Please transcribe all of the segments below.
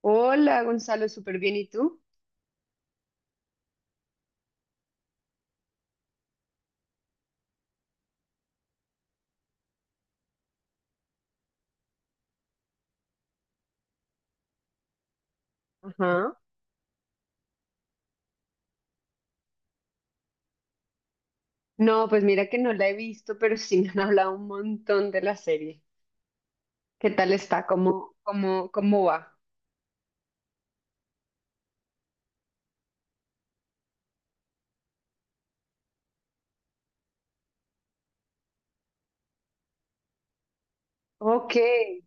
Hola, Gonzalo, súper bien. ¿Y tú? Ajá. No, pues mira que no la he visto, pero sí me han hablado un montón de la serie. ¿Qué tal está? ¿Cómo va? Ok, en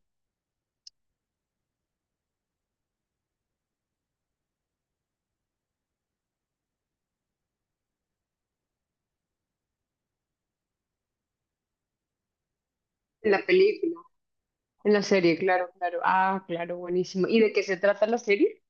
la película, en la serie, claro, claro. Ah, claro, buenísimo. ¿Y de qué se trata la serie?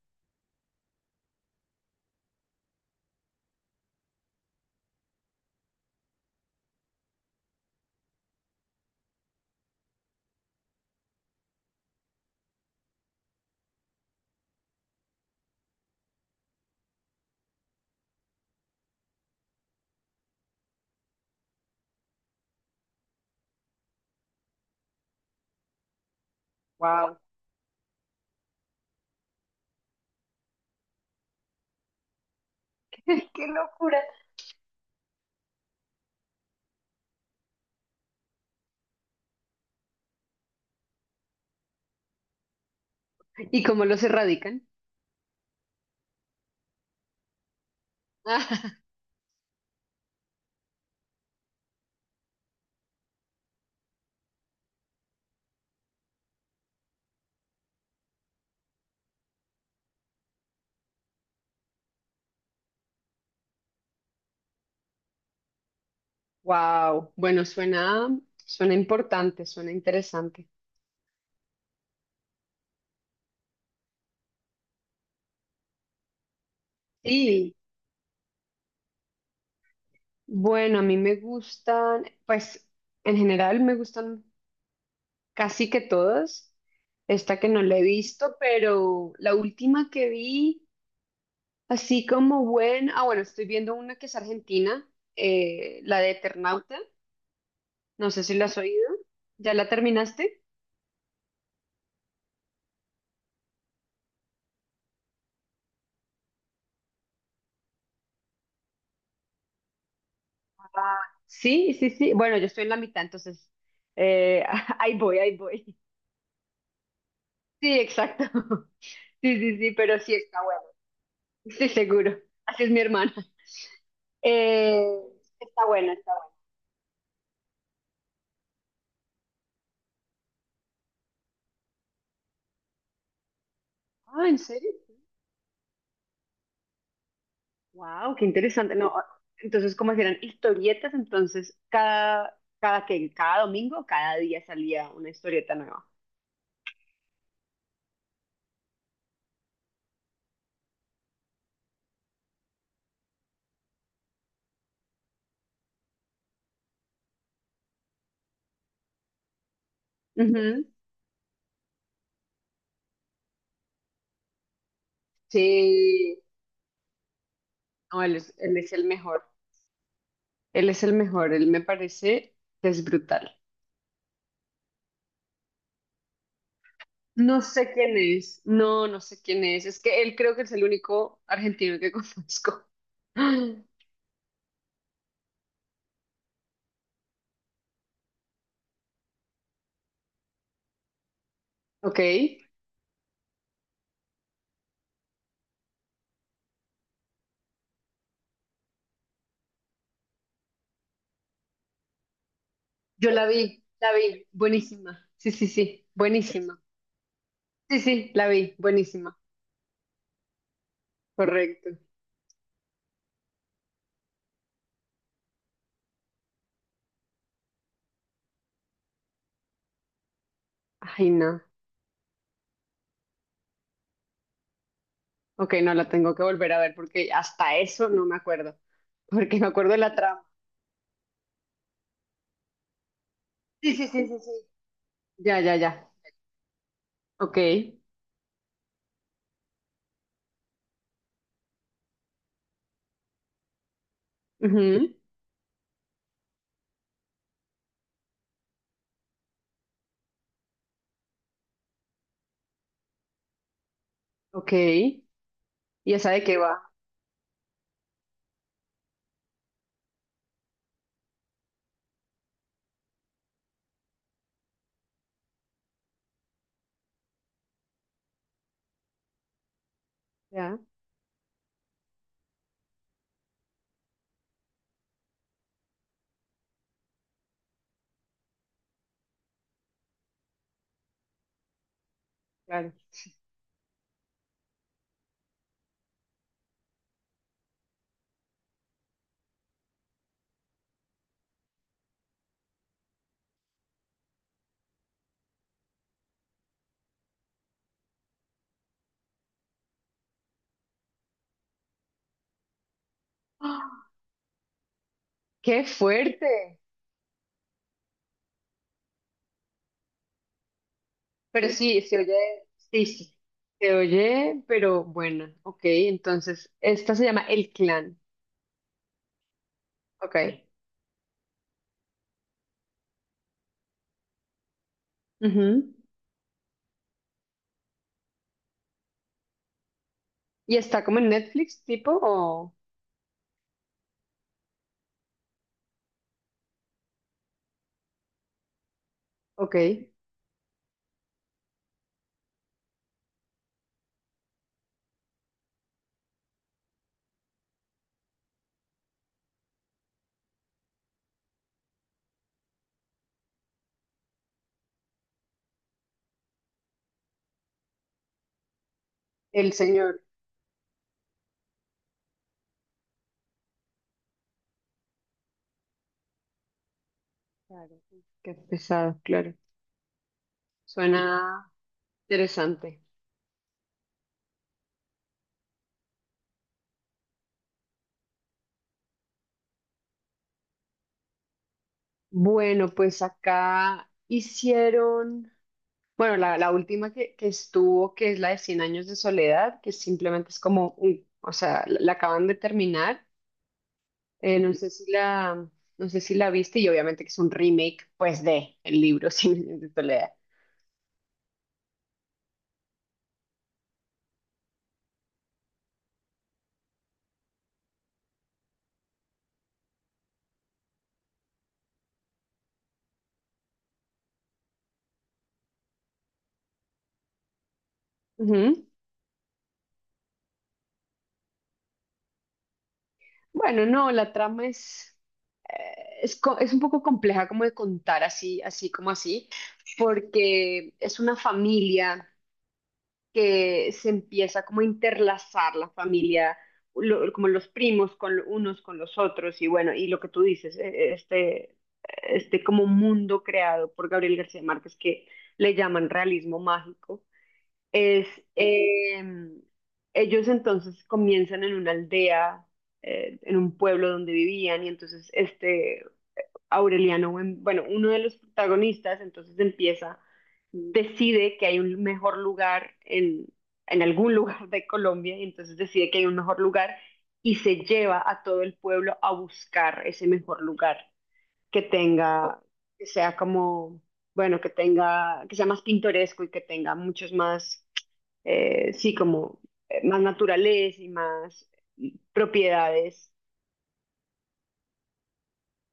Wow, ¡Qué locura! ¿Y cómo los erradican? Wow, bueno, suena, suena importante, suena interesante. Sí, bueno, a mí me gustan, pues en general me gustan casi que todas. Esta que no la he visto, pero la última que vi, así como buena, ah, bueno, estoy viendo una que es argentina, la de Eternauta, no sé si la has oído. ¿Ya la terminaste? Sí, sí, sí, bueno, yo estoy en la mitad, entonces, eh, ahí voy, ahí voy. Sí, exacto. Sí, sí, sí, pero sí está bueno, estoy seguro, así es mi hermana. Eh, Está buena, está buena. Ah, ¿en serio? Wow, qué interesante. No, entonces, ¿cómo eran historietas? Entonces, cada domingo, cada día salía una historieta nueva. Ujú. Sí, no, él es el mejor. Él es el mejor. Él me parece que es brutal. No sé quién es. No, no sé quién es. Es que él creo que es el único argentino que conozco. Ok. Yo la vi, la vi. Buenísima. Sí, sí, sí. Buenísima. Sí, sí, la vi. Buenísima. Correcto. Ay, no. Ok, no la tengo que volver a ver porque hasta eso no me acuerdo. Porque me acuerdo de la trama. Sí, sí, sí, sí, sí. Ya, ya, ya. Ok. Ujú. Ok. ¿Y esa de qué va? Ya, claro. ¡Ah! ¡Qué fuerte! Pero sí, se oye. Sí, sí. Se oye, pero bueno. Ok, entonces, esta se llama El Clan. Ok. Ujú. ¿Y está como en Netflix, tipo? O... Ok. El señor. Claro. Qué pesado, claro. Suena. Interesante. Bueno, pues acá hicieron, bueno, la última que estuvo, que es la de cien años de soledad, que simplemente es como, uy, o sea, la acaban de terminar. Eh, no sé si la, no sé si la viste y obviamente que es un remake, pues, de el libro cien años de soledad. Ujú. Bueno, no, la trama eh, es, es un poco compleja como de contar así, así como así, porque es una familia. Que se empieza como a interlazar la familia, como los primos con unos con los otros y bueno, y lo que tú dices, este como mundo creado por Gabriel García Márquez, que le llaman realismo mágico, es eh, ellos entonces comienzan en una aldea, en un pueblo donde vivían, y entonces este Aureliano, bueno, uno de los protagonistas, entonces empieza, decide que hay un mejor lugar en algún lugar de Colombia, y entonces decide que hay un mejor lugar y se lleva a todo el pueblo a buscar ese mejor lugar que tenga, que sea como, bueno, que tenga, que sea más pintoresco y que tenga muchos más, sí, como más naturaleza y más propiedades.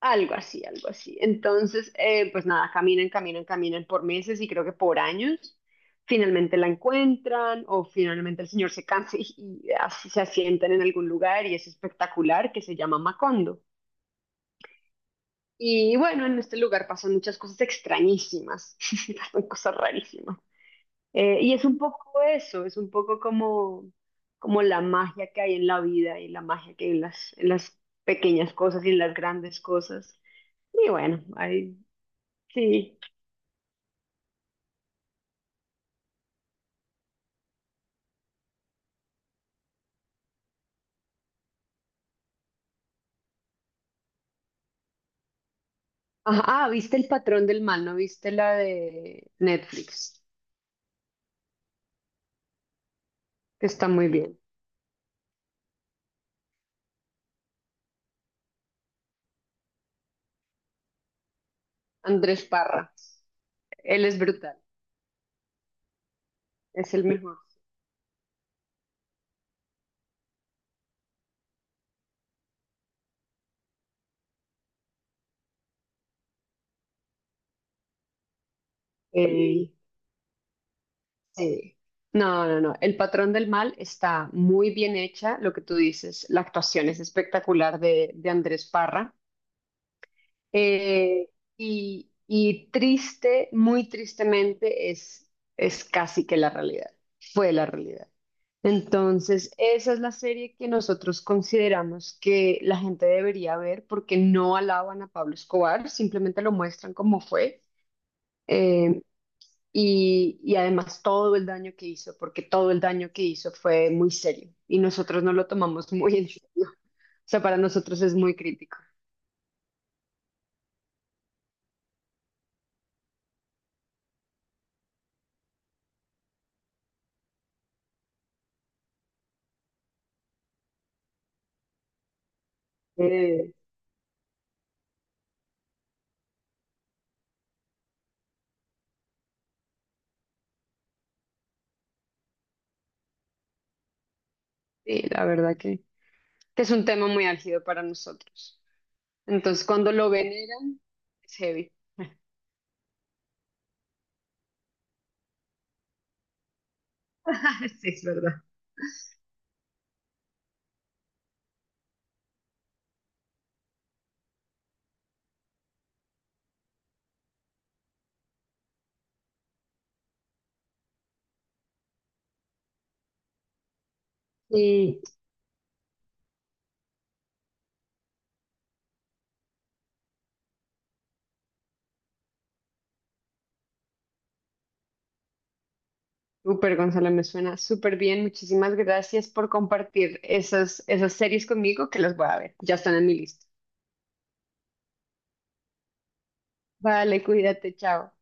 Algo así, algo así. Entonces, pues nada, caminan, caminan, caminan por meses y creo que por años. Finalmente la encuentran, o finalmente el señor se cansa y así se asientan en algún lugar y es espectacular, que se llama Macondo. Y bueno, en este lugar pasan muchas cosas extrañísimas, pasan cosas rarísimas. Y es un poco eso, es un poco como, como la magia que hay en la vida y la magia que hay en las pequeñas cosas y en las grandes cosas. Y bueno, hay. Sí. Ajá, ah, viste El patrón del mal, ¿no viste la de Netflix? Que está muy bien. Andrés Parra. Él es brutal, es el mejor. Eh, sí. No, no, no. El patrón del mal está muy bien hecha, lo que tú dices. La actuación es espectacular de Andrés Parra. Eh, y, y triste, muy tristemente, es casi que la realidad. Fue la realidad. Entonces, esa es la serie que nosotros consideramos que la gente debería ver, porque no alaban a Pablo Escobar, simplemente lo muestran como fue. eh, y, y además todo el daño que hizo, porque todo el daño que hizo fue muy serio y nosotros no lo tomamos muy en serio. O sea, para nosotros es muy crítico. Eh, sí, la verdad que es un tema muy álgido para nosotros. Entonces, cuando lo veneran, es heavy. Sí, es verdad. Y súper, Gonzalo, me suena súper bien. Muchísimas gracias por compartir esas, esas series conmigo que las voy a ver. Ya están en mi lista. Vale, cuídate, chao.